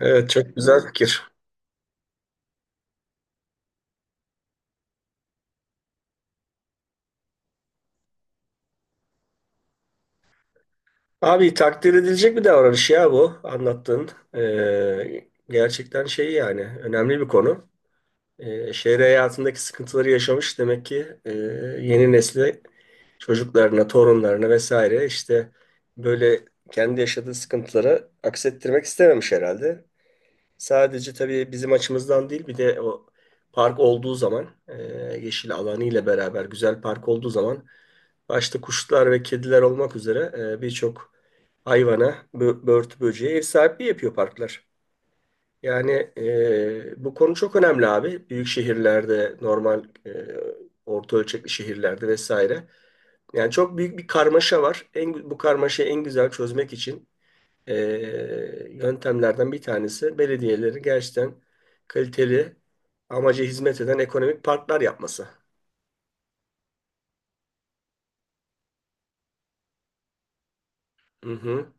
Evet çok güzel fikir. Abi takdir edilecek bir davranış ya bu anlattığın. Gerçekten şey yani önemli bir konu. Şehir hayatındaki sıkıntıları yaşamış demek ki yeni nesli çocuklarına, torunlarına vesaire işte böyle kendi yaşadığı sıkıntıları aksettirmek istememiş herhalde. Sadece tabii bizim açımızdan değil bir de o park olduğu zaman yeşil alanı ile beraber güzel park olduğu zaman başta kuşlar ve kediler olmak üzere birçok hayvana, börtü böceğe ev sahipliği yapıyor parklar. Yani bu konu çok önemli abi. Büyük şehirlerde, normal orta ölçekli şehirlerde vesaire. Yani çok büyük bir karmaşa var. Bu karmaşayı en güzel çözmek için e, yöntemlerden bir tanesi belediyelerin gerçekten kaliteli amaca hizmet eden ekonomik parklar yapması. Hı hı,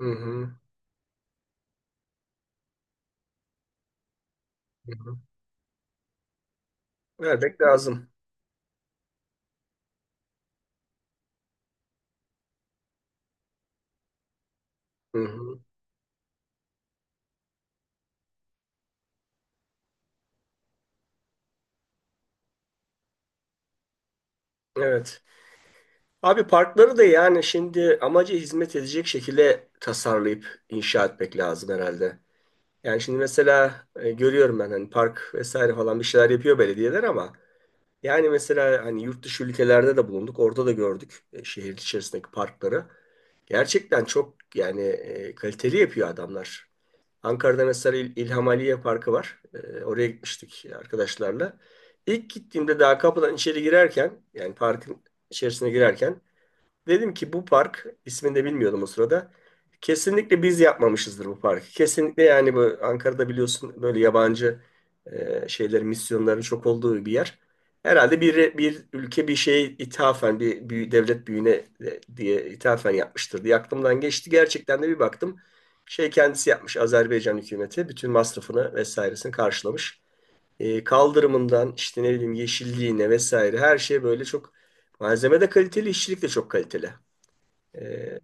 hı hı, hı hı. Vermek lazım. Hı hı. Evet. Abi parkları da yani şimdi amaca hizmet edecek şekilde tasarlayıp inşa etmek lazım herhalde. Yani şimdi mesela görüyorum ben hani park vesaire falan bir şeyler yapıyor belediyeler ama yani mesela hani yurt dışı ülkelerde de bulunduk. Orada da gördük şehir içerisindeki parkları. Gerçekten çok yani kaliteli yapıyor adamlar. Ankara'da mesela İlham Aliye Parkı var. Oraya gitmiştik arkadaşlarla. İlk gittiğimde daha kapıdan içeri girerken yani parkın içerisine girerken dedim ki bu park ismini de bilmiyordum o sırada. Kesinlikle biz yapmamışızdır bu parkı. Kesinlikle yani bu Ankara'da biliyorsun böyle yabancı şeylerin misyonların çok olduğu bir yer. Herhalde bir ülke bir şeye ithafen bir, devlet büyüğüne diye ithafen yapmıştır diye aklımdan geçti. Gerçekten de bir baktım şey kendisi yapmış Azerbaycan hükümeti bütün masrafını vesairesini karşılamış. Kaldırımından işte ne bileyim yeşilliğine vesaire her şey böyle çok malzeme de kaliteli, işçilik de çok kaliteli. Ee,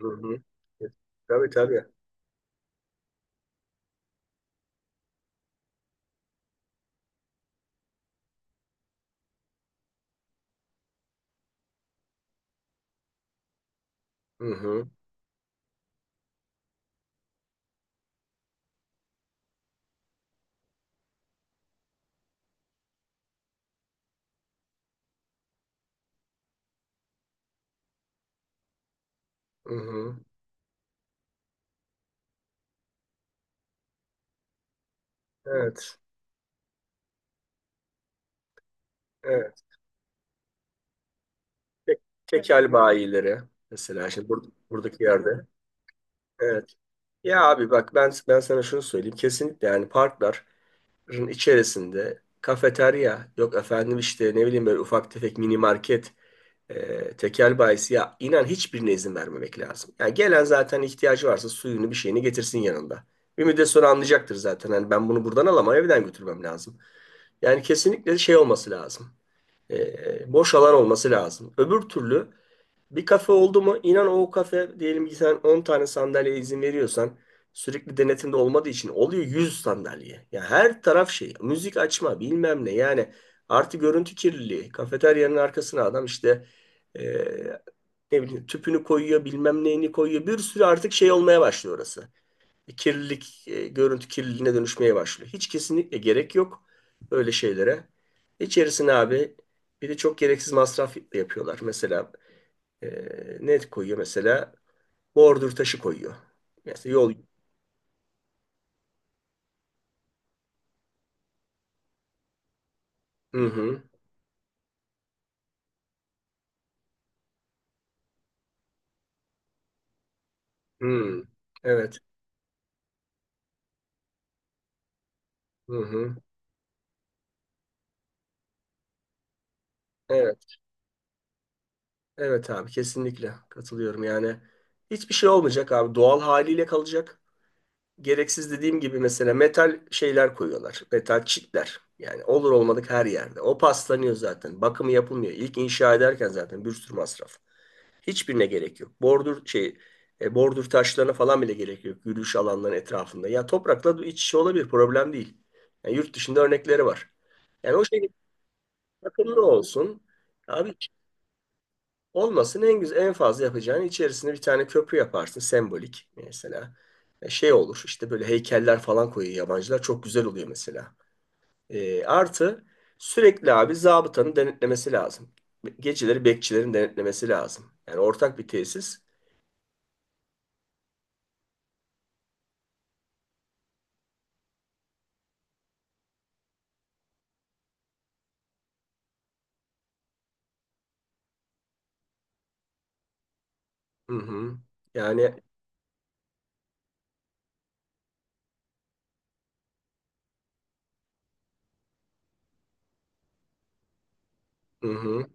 Hı hı. Tabii tabii. Hı hı. Hı hı. Evet. Evet. Kek, tekel bayileri mesela şimdi buradaki yerde. Evet. Ya abi bak ben sana şunu söyleyeyim. Kesinlikle yani parkların içerisinde kafeterya yok efendim işte ne bileyim böyle ufak tefek mini market tekel bayisi ya inan hiçbirine izin vermemek lazım. Yani gelen zaten ihtiyacı varsa suyunu bir şeyini getirsin yanında. Ümit de sonra anlayacaktır zaten. Hani ben bunu buradan alamam evden götürmem lazım. Yani kesinlikle şey olması lazım. Boş alan olması lazım. Öbür türlü bir kafe oldu mu inan o kafe diyelim ki sen 10 tane sandalyeye izin veriyorsan sürekli denetimde olmadığı için oluyor 100 sandalye. Ya her taraf şey müzik açma bilmem ne yani artı görüntü kirliliği kafeteryanın arkasına adam işte e, ne bileyim tüpünü koyuyor bilmem neyini koyuyor bir sürü artık şey olmaya başlıyor orası kirlilik, görüntü kirliliğine dönüşmeye başlıyor. Hiç kesinlikle gerek yok böyle şeylere. İçerisine abi bir de çok gereksiz masraf yapıyorlar. Mesela ne koyuyor mesela? Bordür taşı koyuyor. Mesela yol. Hı hı. Hı. Evet. Hı hı. Evet. Evet abi kesinlikle katılıyorum. Yani hiçbir şey olmayacak abi. Doğal haliyle kalacak. Gereksiz dediğim gibi mesela metal şeyler koyuyorlar. Metal çitler. Yani olur olmadık her yerde. O paslanıyor zaten. Bakımı yapılmıyor. İlk inşa ederken zaten bir sürü masraf. Hiçbirine gerek yok. Bordür şey bordür taşlarına falan bile gerek yok. Yürüyüş alanların etrafında. Ya toprakla iç içe olabilir. Problem değil. Yani yurt dışında örnekleri var. Yani o şekilde bakımlı olsun. Abi olmasın en güzel en fazla yapacağın içerisine bir tane köprü yaparsın sembolik mesela. Şey olur işte böyle heykeller falan koyuyor yabancılar çok güzel oluyor mesela. Artı sürekli abi zabıtanın denetlemesi lazım. Geceleri bekçilerin denetlemesi lazım. Yani ortak bir tesis. Hı hı. Yani hı hı.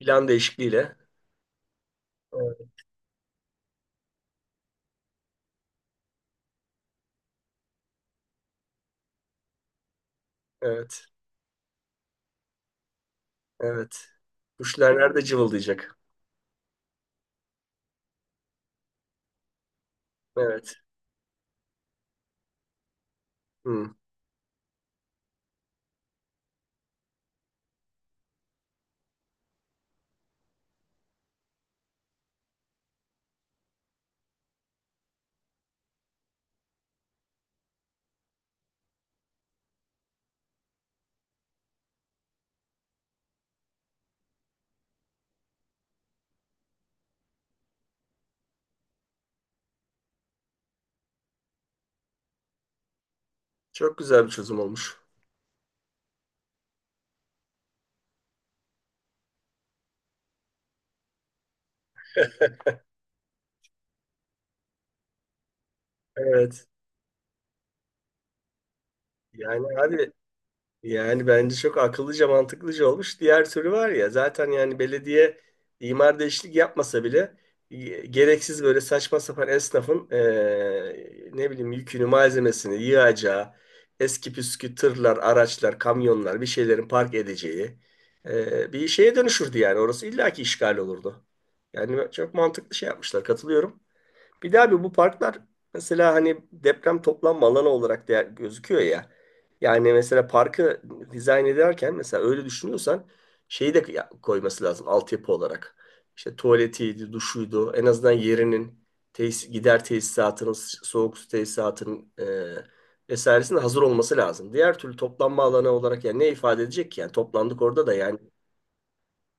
Plan değişikliğiyle. Evet. Evet. Evet. Kuşlar nerede cıvıldayacak? Evet. Hı. Çok güzel bir çözüm olmuş. Evet. Yani abi yani bence çok akıllıca mantıklıca olmuş. Diğer türlü var ya zaten yani belediye imar değişiklik yapmasa bile gereksiz böyle saçma sapan esnafın ne bileyim yükünü malzemesini yığacağı eski püskü tırlar araçlar kamyonlar bir şeylerin park edeceği bir şeye dönüşürdü yani orası illaki işgal olurdu. Yani çok mantıklı şey yapmışlar katılıyorum. Bir de abi bu parklar mesela hani deprem toplanma alanı olarak değer, gözüküyor ya. Yani mesela parkı dizayn ederken mesela öyle düşünüyorsan şeyi de koyması lazım altyapı olarak. İşte tuvaletiydi, duşuydu, en azından yerinin tesis, gider tesisatının, soğuk su tesisatının vesairesinin hazır olması lazım. Diğer türlü toplanma alanı olarak yani ne ifade edecek ki? Yani toplandık orada da yani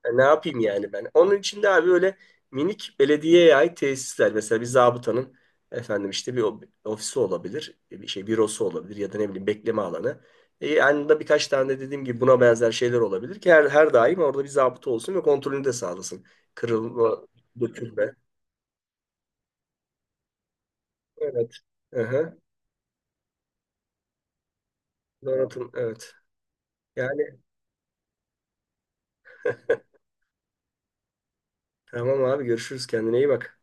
ya ne yapayım yani ben? Onun için de abi öyle minik belediyeye ait tesisler. Mesela bir zabıtanın efendim işte bir ofisi olabilir. Bir şey bürosu olabilir ya da ne bileyim bekleme alanı. Yanında birkaç tane de dediğim gibi buna benzer şeyler olabilir ki her daim orada bir zabıta olsun ve kontrolünü de sağlasın. Kırılma, dökülme. Evet. Aha. Donatın. Evet. Yani tamam abi görüşürüz. Kendine iyi bak.